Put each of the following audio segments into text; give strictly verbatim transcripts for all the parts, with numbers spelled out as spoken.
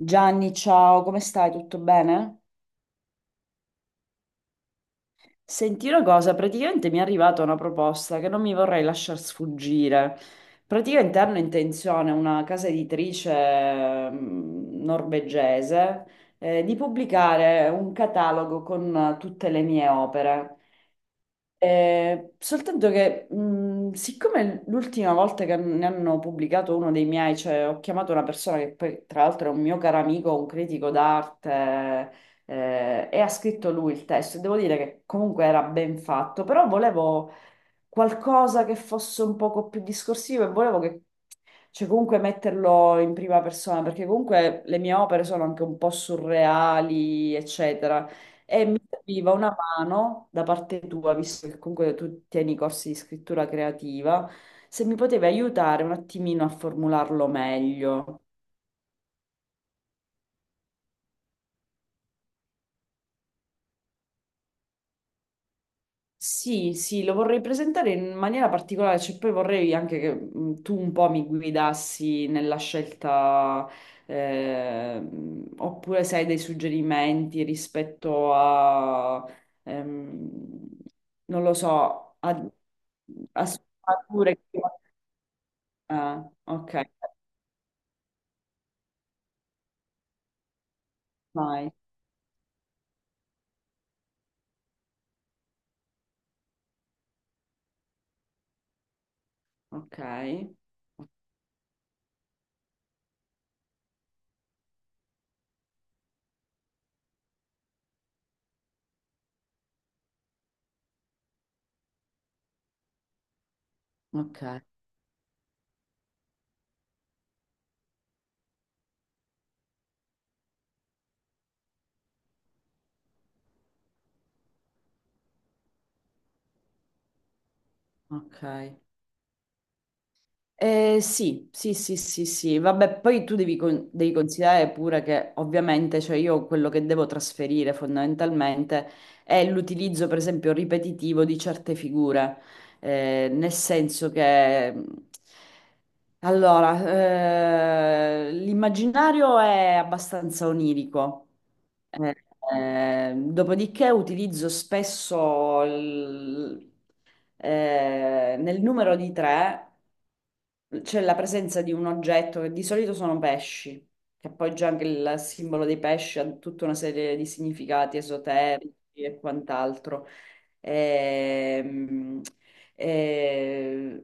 Gianni, ciao, come stai? Tutto bene? Senti una cosa, praticamente mi è arrivata una proposta che non mi vorrei lasciar sfuggire. Praticamente hanno intenzione una casa editrice ehm, norvegese eh, di pubblicare un catalogo con eh, tutte le mie opere. Eh, soltanto che, mh, siccome l'ultima volta che ne hanno pubblicato uno dei miei, cioè ho chiamato una persona che poi tra l'altro è un mio caro amico, un critico d'arte, eh, e ha scritto lui il testo, e devo dire che comunque era ben fatto, però volevo qualcosa che fosse un poco più discorsivo e volevo che, cioè comunque metterlo in prima persona, perché comunque le mie opere sono anche un po' surreali, eccetera. E mi serviva una mano da parte tua, visto che comunque tu tieni corsi di scrittura creativa, se mi potevi aiutare un attimino a formularlo meglio. Sì, sì, lo vorrei presentare in maniera particolare, cioè poi vorrei anche che mh, tu un po' mi guidassi nella scelta, ehm, oppure se hai dei suggerimenti rispetto a, ehm, non lo so, a, a sfumature. che- Ah, ok, vai, ok, ok, ok. Eh, sì, sì, sì, sì, sì, vabbè, poi tu devi, con- devi considerare pure che ovviamente, cioè io quello che devo trasferire fondamentalmente è l'utilizzo, per esempio, ripetitivo di certe figure. Eh, nel senso che, mh, allora, eh, l'immaginario è abbastanza onirico. Eh, eh, Dopodiché utilizzo spesso eh, nel numero di tre c'è la presenza di un oggetto che di solito sono pesci, che poi già anche il simbolo dei pesci ha tutta una serie di significati esoterici e quant'altro. Ehm, eh,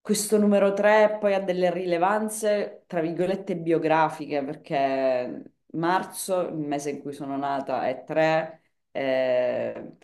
Questo numero tre poi ha delle rilevanze, tra virgolette, biografiche, perché marzo, il mese in cui sono nata, è tre, eh,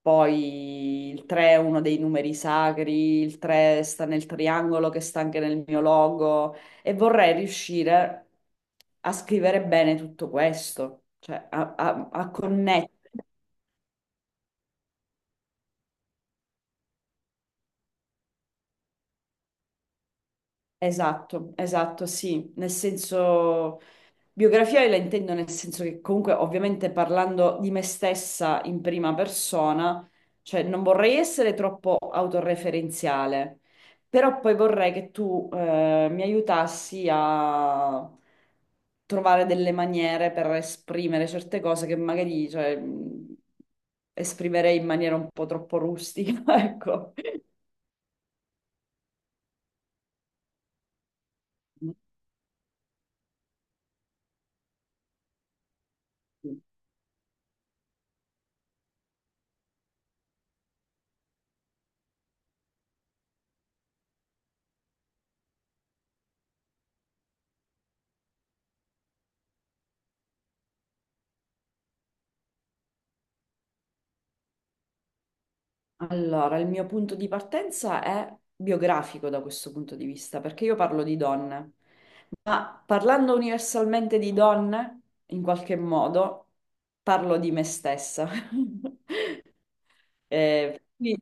poi il tre è uno dei numeri sacri, il tre sta nel triangolo che sta anche nel mio logo e vorrei riuscire a scrivere bene tutto questo, cioè a, a a connettere. Esatto, esatto, sì, nel senso. Biografia io la intendo nel senso che comunque ovviamente parlando di me stessa in prima persona, cioè non vorrei essere troppo autoreferenziale, però poi vorrei che tu eh, mi aiutassi a trovare delle maniere per esprimere certe cose che magari cioè, mh, esprimerei in maniera un po' troppo rustica, ecco. Allora, il mio punto di partenza è biografico da questo punto di vista, perché io parlo di donne, ma parlando universalmente di donne, in qualche modo, parlo di me stessa. Eh, quindi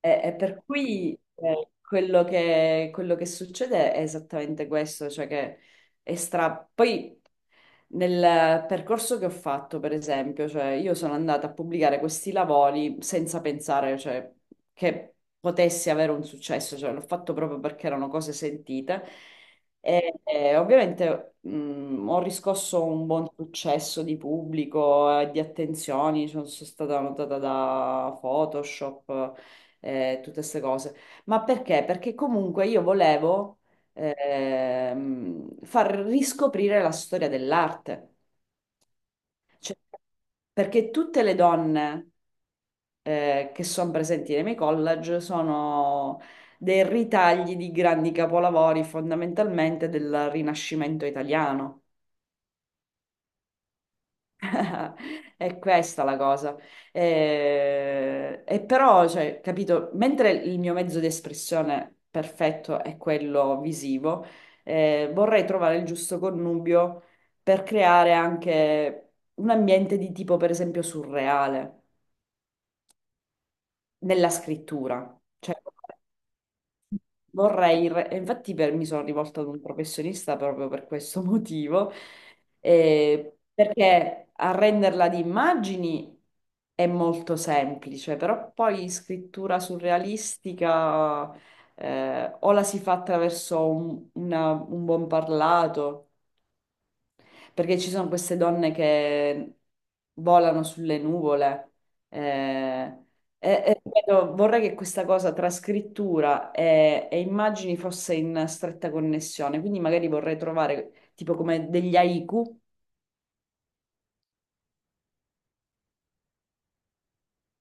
e, e per cui eh, quello che, quello che succede è esattamente questo, cioè che è stra- poi nel percorso che ho fatto, per esempio, cioè io sono andata a pubblicare questi lavori senza pensare, cioè, che potessi avere un successo, cioè l'ho fatto proprio perché erano cose sentite. E, e ovviamente mh, ho riscosso un buon successo di pubblico e di attenzioni, cioè, sono stata notata da Photoshop eh, tutte queste cose. Ma perché? Perché comunque io volevo ehm, far riscoprire la storia dell'arte. Cioè, perché tutte le donne eh, che sono presenti nei miei college sono dei ritagli di grandi capolavori fondamentalmente del Rinascimento italiano. È questa la cosa. Eh, E, però, cioè, capito, mentre il mio mezzo di espressione perfetto è quello visivo, eh, vorrei trovare il giusto connubio per creare anche un ambiente di tipo, per esempio, surreale nella scrittura. Cioè, vorrei, re- e infatti per- mi sono rivolta ad un professionista proprio per questo motivo, eh, perché arrenderla di immagini è molto semplice, però poi scrittura surrealistica, eh, o la si fa attraverso un, una- un buon parlato, perché ci sono queste donne che volano sulle nuvole. eh, e- e ripeto, vorrei che questa cosa tra scrittura e, e immagini fosse in stretta connessione, quindi magari vorrei trovare tipo come degli haiku,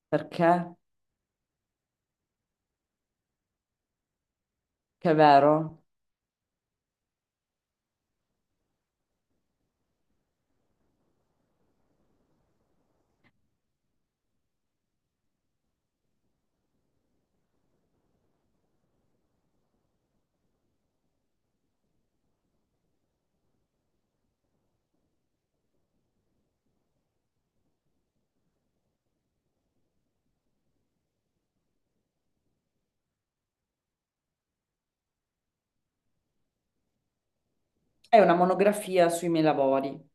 perché? Che è vero? È una monografia sui miei lavori.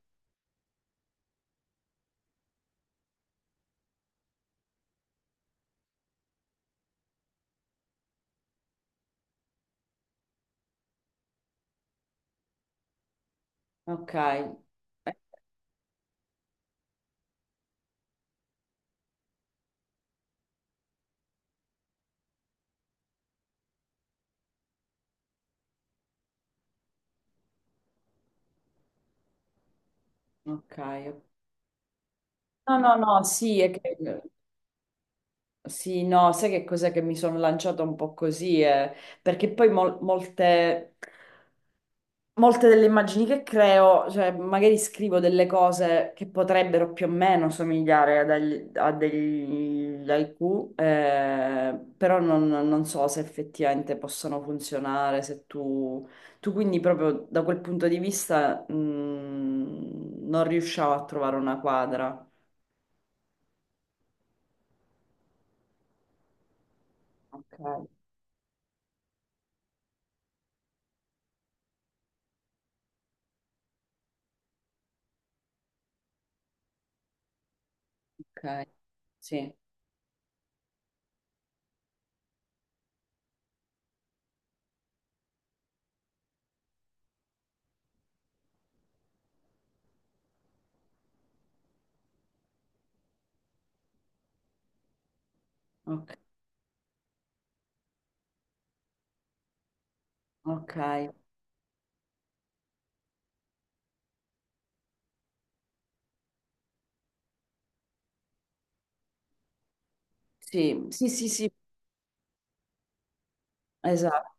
Ok, ok. No, no, no, sì, è che- sì, no, sai che cos'è che mi sono lanciata un po' così, eh, perché poi mol- molte... molte delle immagini che creo, cioè magari scrivo delle cose che potrebbero più o meno somigliare ad agli- a degli haiku, eh, però non, non so se effettivamente possano funzionare, se tu, tu quindi proprio da quel punto di vista, mm, non riusciamo a trovare una quadra. Ok, ok, sì, ok, ok, sì, sì, sì, sì, esatto.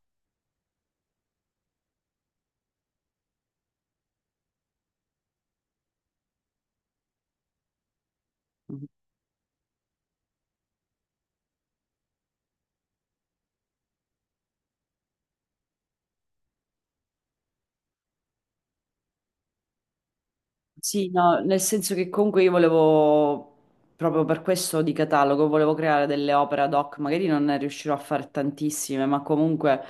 Sì, no, nel senso che comunque io volevo, proprio per questo di catalogo, volevo creare delle opere ad hoc, magari non ne riuscirò a fare tantissime, ma comunque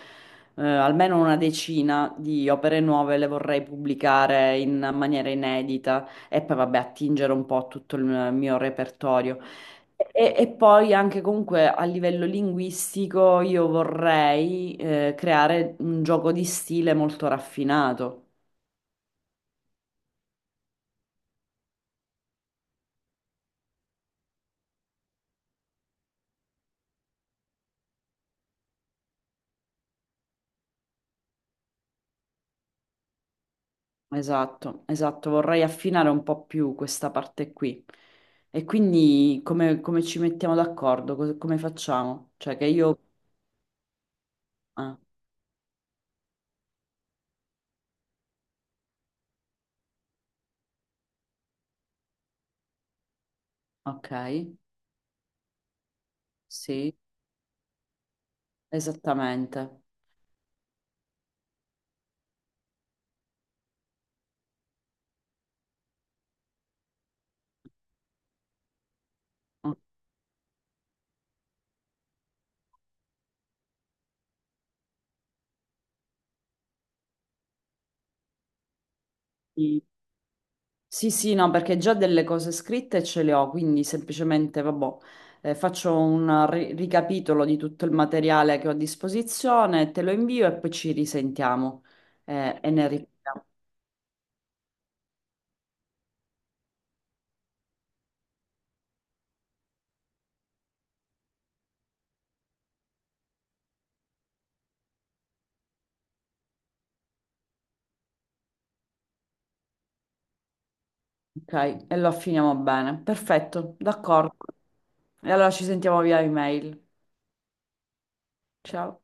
eh, almeno una decina di opere nuove le vorrei pubblicare in maniera inedita e poi vabbè attingere un po' a tutto il mio repertorio. E, e poi anche comunque a livello linguistico io vorrei eh, creare un gioco di stile molto raffinato. Esatto, esatto, vorrei affinare un po' più questa parte qui. E quindi come, come ci mettiamo d'accordo? Cos- Come facciamo? Cioè che io... Ah, ok, sì, esattamente. Ok. Sì, sì, no, perché già delle cose scritte ce le ho, quindi semplicemente, vabbè, eh, faccio un ri- ricapitolo di tutto il materiale che ho a disposizione, te lo invio e poi ci risentiamo eh, e ne riparliamo. Ok, e lo affiniamo bene. Perfetto, d'accordo. E allora ci sentiamo via email. Ciao.